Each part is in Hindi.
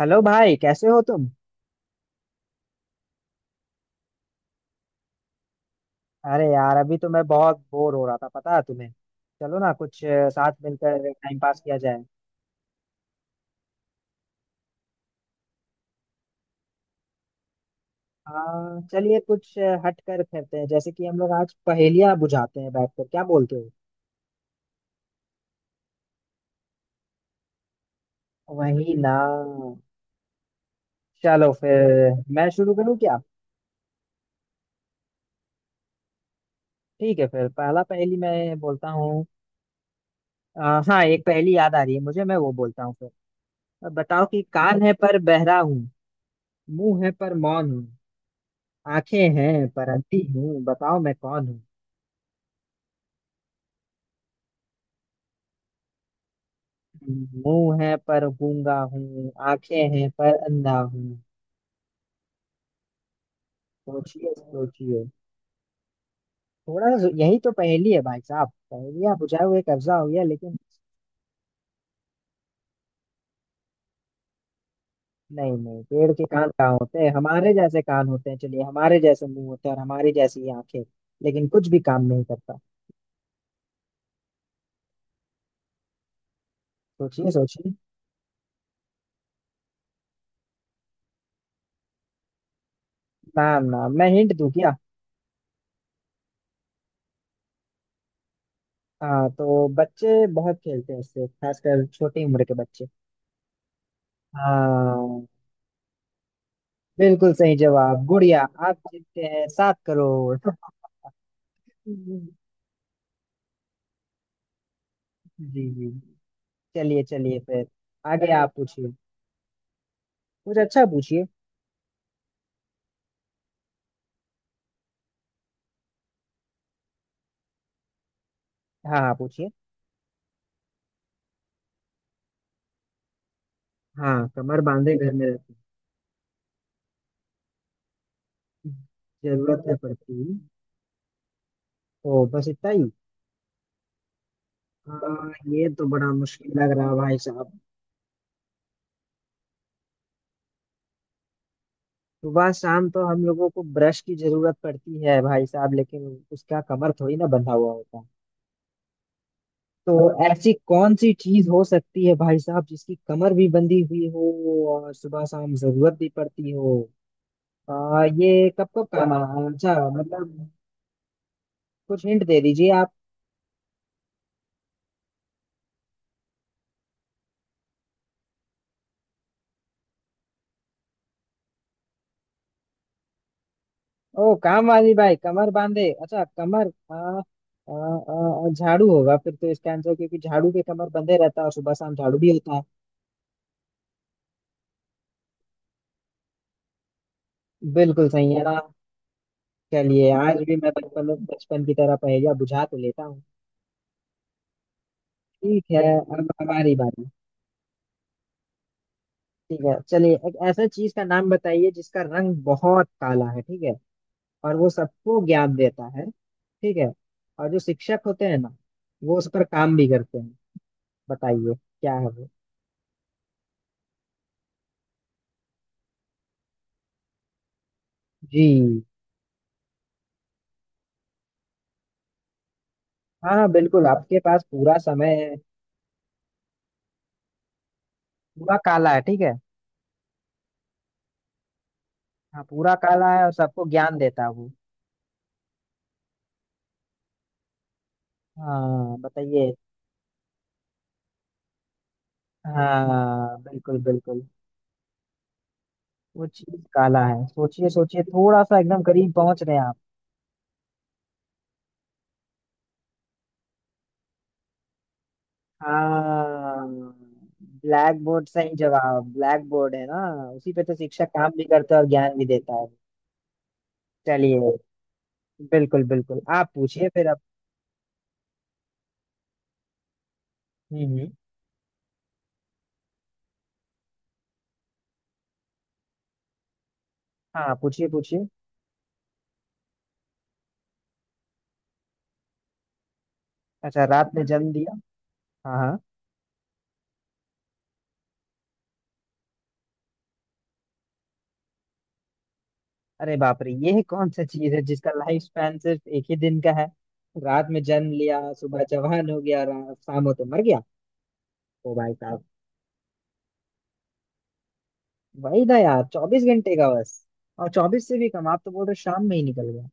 हेलो भाई कैसे हो तुम। अरे यार अभी तो मैं बहुत बोर हो रहा था पता है तुम्हें। चलो ना कुछ साथ मिलकर टाइम पास किया जाए। हाँ चलिए कुछ हट कर करते हैं, जैसे कि हम लोग आज पहेलियां बुझाते हैं बैठकर, क्या बोलते हो? वही ना। चलो फिर मैं शुरू करूँ क्या? ठीक है, फिर पहला पहेली मैं बोलता हूँ। अ, हाँ एक पहेली याद आ रही है मुझे, मैं वो बोलता हूँ फिर। बताओ कि कान है पर बहरा हूँ, मुंह है पर मौन हूँ, आंखें हैं पर अंधी हूँ, बताओ मैं कौन हूँ। मुंह है पर गूंगा हूँ, आंखें हैं पर अंधा हूँ। सोचिए सोचिए। थोड़ा सा, यही तो पहेली है भाई साहब, पहेलियां बुझाए हुए कब्जा हो गया लेकिन। नहीं नहीं, पेड़ के कान कहाँ होते हैं? हमारे जैसे कान होते हैं चलिए, हमारे जैसे मुंह होते हैं, और हमारी जैसी ही आंखें। लेकिन कुछ भी काम नहीं करता। सोचिए सोचिए। ना ना, मैं हिंट दूं क्या? हाँ तो बच्चे बहुत खेलते हैं इससे, खासकर छोटी उम्र के बच्चे। हाँ बिल्कुल सही जवाब, गुड़िया। आप जीतते हैं 7 करोड़। जी। जी जी। चलिए चलिए फिर। आगे आप पूछिए। कुछ अच्छा पूछिए। हाँ हाँ पूछिए। हाँ, कमर बांधे घर में रहती, जरूरत है पड़ती। ओ बस इतना ही। हाँ ये तो बड़ा मुश्किल लग रहा है भाई साहब। सुबह शाम तो हम लोगों को ब्रश की जरूरत पड़ती है भाई साहब, लेकिन उसका कमर थोड़ी ना बंधा हुआ होता। तो ऐसी कौन सी चीज हो सकती है भाई साहब, जिसकी कमर भी बंधी हुई हो और सुबह शाम जरूरत भी पड़ती हो? ये कब कब काम आना, अच्छा मतलब। कुछ हिंट दे दीजिए आप। ओ काम वाली बाई कमर बांधे, अच्छा कमर आ, आ, आ, झाड़ू होगा फिर तो इसका आंसर, क्योंकि झाड़ू के कमर बंधे रहता है और सुबह शाम झाड़ू भी होता है। बिल्कुल सही है ना? चलिए आज भी मैं बचपन बचपन की तरह पहेलियां बुझा तो लेता हूँ। ठीक है, अब हमारी बारी। ठीक है चलिए, एक ऐसा चीज का नाम बताइए जिसका रंग बहुत काला है, ठीक है, और वो सबको ज्ञान देता है, ठीक है, और जो शिक्षक होते हैं ना, वो उस पर काम भी करते हैं। बताइए, क्या है वो? जी। हाँ हाँ बिल्कुल, आपके पास पूरा समय है। पूरा काला है, ठीक है। हाँ पूरा काला है और सबको ज्ञान देता है वो। हाँ बताइए। हाँ बिल्कुल बिल्कुल। वो चीज काला है, सोचिए सोचिए थोड़ा सा, एकदम करीब पहुंच रहे हैं आप। हाँ ब्लैक बोर्ड, सही जवाब ब्लैक बोर्ड है ना, उसी पे तो शिक्षक काम भी करता है और ज्ञान भी देता है। चलिए। बिल्कुल बिल्कुल, आप पूछिए फिर आप। हम्म हम्म। हाँ पूछिए पूछिए। अच्छा रात ने जन्म दिया। हाँ हाँ। अरे बाप रे, ये कौन सा चीज है जिसका लाइफ स्पैन सिर्फ एक ही दिन का है? रात में जन्म लिया, सुबह जवान हो गया, शाम होते मर गया। ओ भाई साहब। वही ना यार, 24 घंटे का बस। और 24 से भी कम आप तो बोल रहे हो, शाम में ही निकल गया।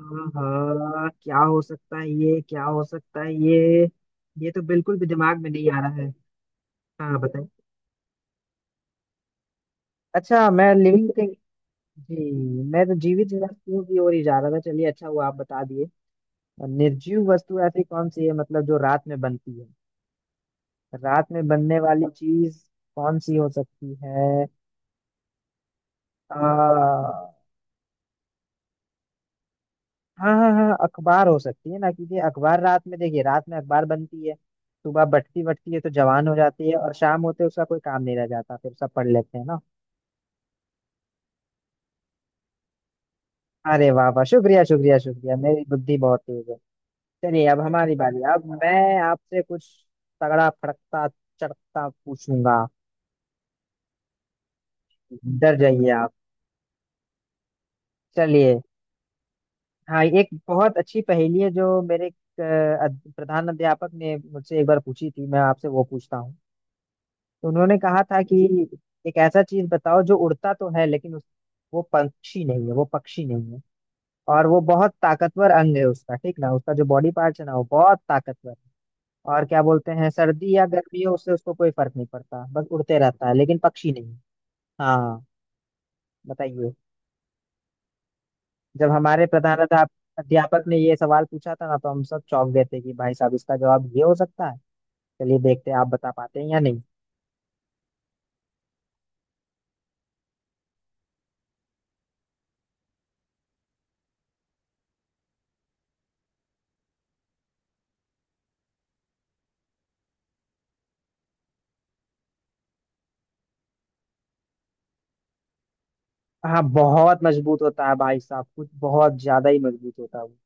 हाँ क्या हो सकता है ये, क्या हो सकता है ये? ये तो बिल्कुल भी दिमाग में नहीं आ रहा है। हाँ बताइए। अच्छा मैं लिविंग थिंग। जी। मैं तो जीवित वस्तुओं की ओर ही जा रहा था, चलिए अच्छा हुआ आप बता दिए। और निर्जीव वस्तु ऐसी कौन सी है, मतलब जो रात में बनती है? रात में बनने वाली चीज कौन सी हो सकती है? आ, हाँ हाँ हाँ, अखबार हो सकती है ना, क्योंकि अखबार रात में, देखिए रात में अखबार बनती है, सुबह बटती बटती है तो जवान हो जाती है, और शाम होते उसका कोई काम नहीं रह जाता, फिर सब पढ़ लेते हैं ना। अरे वाह वाह, शुक्रिया शुक्रिया शुक्रिया, मेरी बुद्धि बहुत तेज है। चलिए अब हमारी बारी, अब मैं आपसे कुछ तगड़ा फड़कता चड़कता पूछूंगा। डर जाइए आप। चलिए। हाँ एक बहुत अच्छी पहेली है जो मेरे प्रधान अध्यापक ने मुझसे एक बार पूछी थी, मैं आपसे वो पूछता हूँ। तो उन्होंने कहा था कि एक ऐसा चीज बताओ जो उड़ता तो है लेकिन वो पंछी नहीं है, वो पक्षी नहीं है। और वो बहुत ताकतवर अंग है उसका, ठीक ना, उसका जो बॉडी पार्ट है ना वो बहुत ताकतवर है। और क्या बोलते हैं, सर्दी या गर्मी हो उससे उसको कोई फर्क नहीं पड़ता, बस उड़ते रहता है लेकिन पक्षी नहीं। हाँ बताइए। जब हमारे प्रधानाध्याप अध्यापक ने ये सवाल पूछा था ना, तो हम सब चौंक गए थे कि भाई साहब इसका जवाब ये हो सकता है। चलिए देखते हैं आप बता पाते हैं या नहीं। हाँ बहुत मजबूत होता है भाई साहब, कुछ बहुत ज्यादा ही मजबूत होता है वो।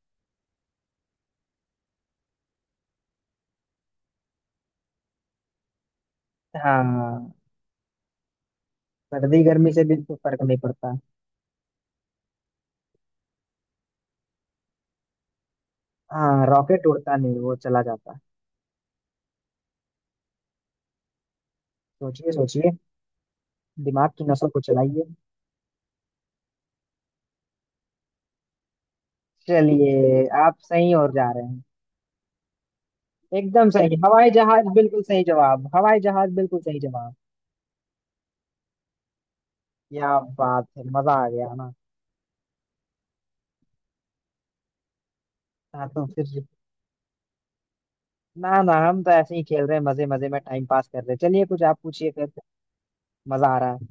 हाँ सर्दी गर्मी से बिल्कुल फर्क नहीं पड़ता। हाँ रॉकेट उड़ता नहीं, वो चला जाता है। सोचिए सोचिए, दिमाग की नसों को चलाइए। चलिए आप सही और जा रहे हैं। एकदम सही, हवाई जहाज बिल्कुल सही जवाब, हवाई जहाज बिल्कुल सही जवाब। क्या बात है, मजा आ गया ना। ना तो फिर, ना ना हम तो ऐसे ही खेल रहे हैं, मजे मजे में टाइम पास कर रहे हैं, चलिए कुछ आप पूछिए फिर। मजा आ रहा है।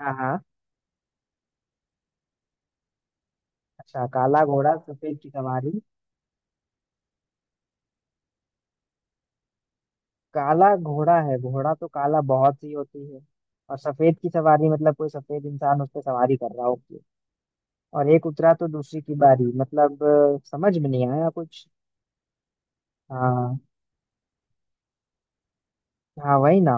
हाँ हाँ। अच्छा काला घोड़ा सफेद की सवारी। काला घोड़ा है, घोड़ा तो काला बहुत सी होती है, और सफेद की सवारी मतलब कोई सफेद इंसान उस पर सवारी कर रहा होती है, और एक उतरा तो दूसरे की बारी मतलब समझ में नहीं आया कुछ। हाँ हाँ वही ना।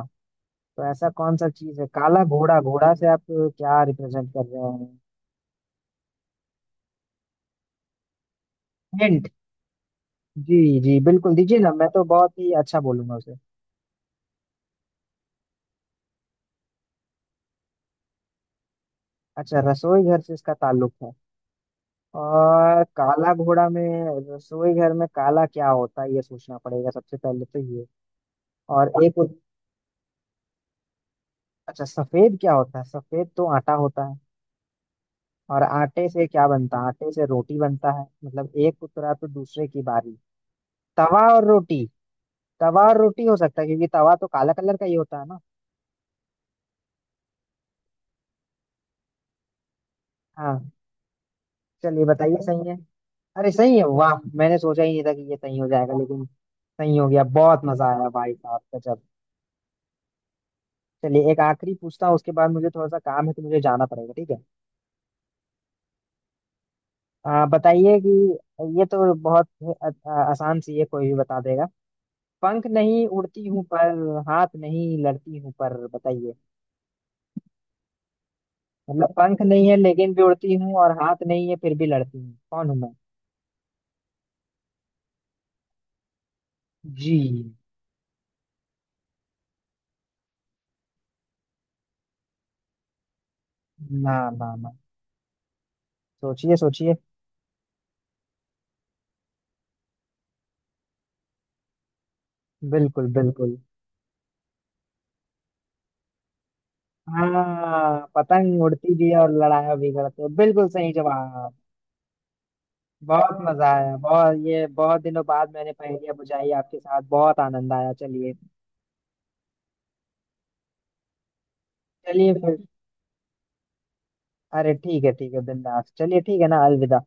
तो ऐसा कौन सा चीज है? काला घोड़ा, घोड़ा से आप क्या रिप्रेजेंट कर रहे हैं? हिंट? जी जी बिल्कुल दीजिए ना, मैं तो बहुत ही अच्छा बोलूंगा उसे। अच्छा रसोई घर से इसका ताल्लुक है। और काला घोड़ा में, रसोई घर में काला क्या होता है, ये सोचना पड़ेगा सबसे पहले तो ये। और अच्छा सफेद क्या होता है, सफेद तो आटा होता है, और आटे से क्या बनता है, आटे से रोटी बनता है, मतलब एक उतरा तो दूसरे की बारी। तवा और रोटी। तवा और रोटी हो सकता है, क्योंकि तवा तो काला कलर का ही होता है ना। हाँ चलिए बताइए सही है। अरे सही है वाह, मैंने सोचा ही नहीं था कि ये सही हो जाएगा लेकिन सही हो गया, बहुत मजा आया भाई साहब का जब। चलिए, एक आखिरी पूछता हूँ, उसके बाद मुझे थोड़ा सा काम है तो मुझे जाना पड़ेगा, ठीक है। बताइए कि ये तो बहुत आसान सी है, कोई भी बता देगा। पंख नहीं उड़ती हूँ पर, हाथ नहीं लड़ती हूँ पर, बताइए। मतलब पंख नहीं है लेकिन भी उड़ती हूँ और हाथ नहीं है फिर भी लड़ती हूँ, कौन हूँ मैं? जी। ना ना ना, सोचिए सोचिए। बिल्कुल बिल्कुल। हाँ पतंग उड़ती भी है और लड़ाया भी करते हैं, बिल्कुल सही जवाब। बहुत मजा आया बहुत, ये बहुत दिनों बाद मैंने पहेलियां बुझाई आपके साथ, बहुत आनंद आया, चलिए। चलिए फिर। अरे ठीक है बिंदास, चलिए ठीक है ना, अलविदा।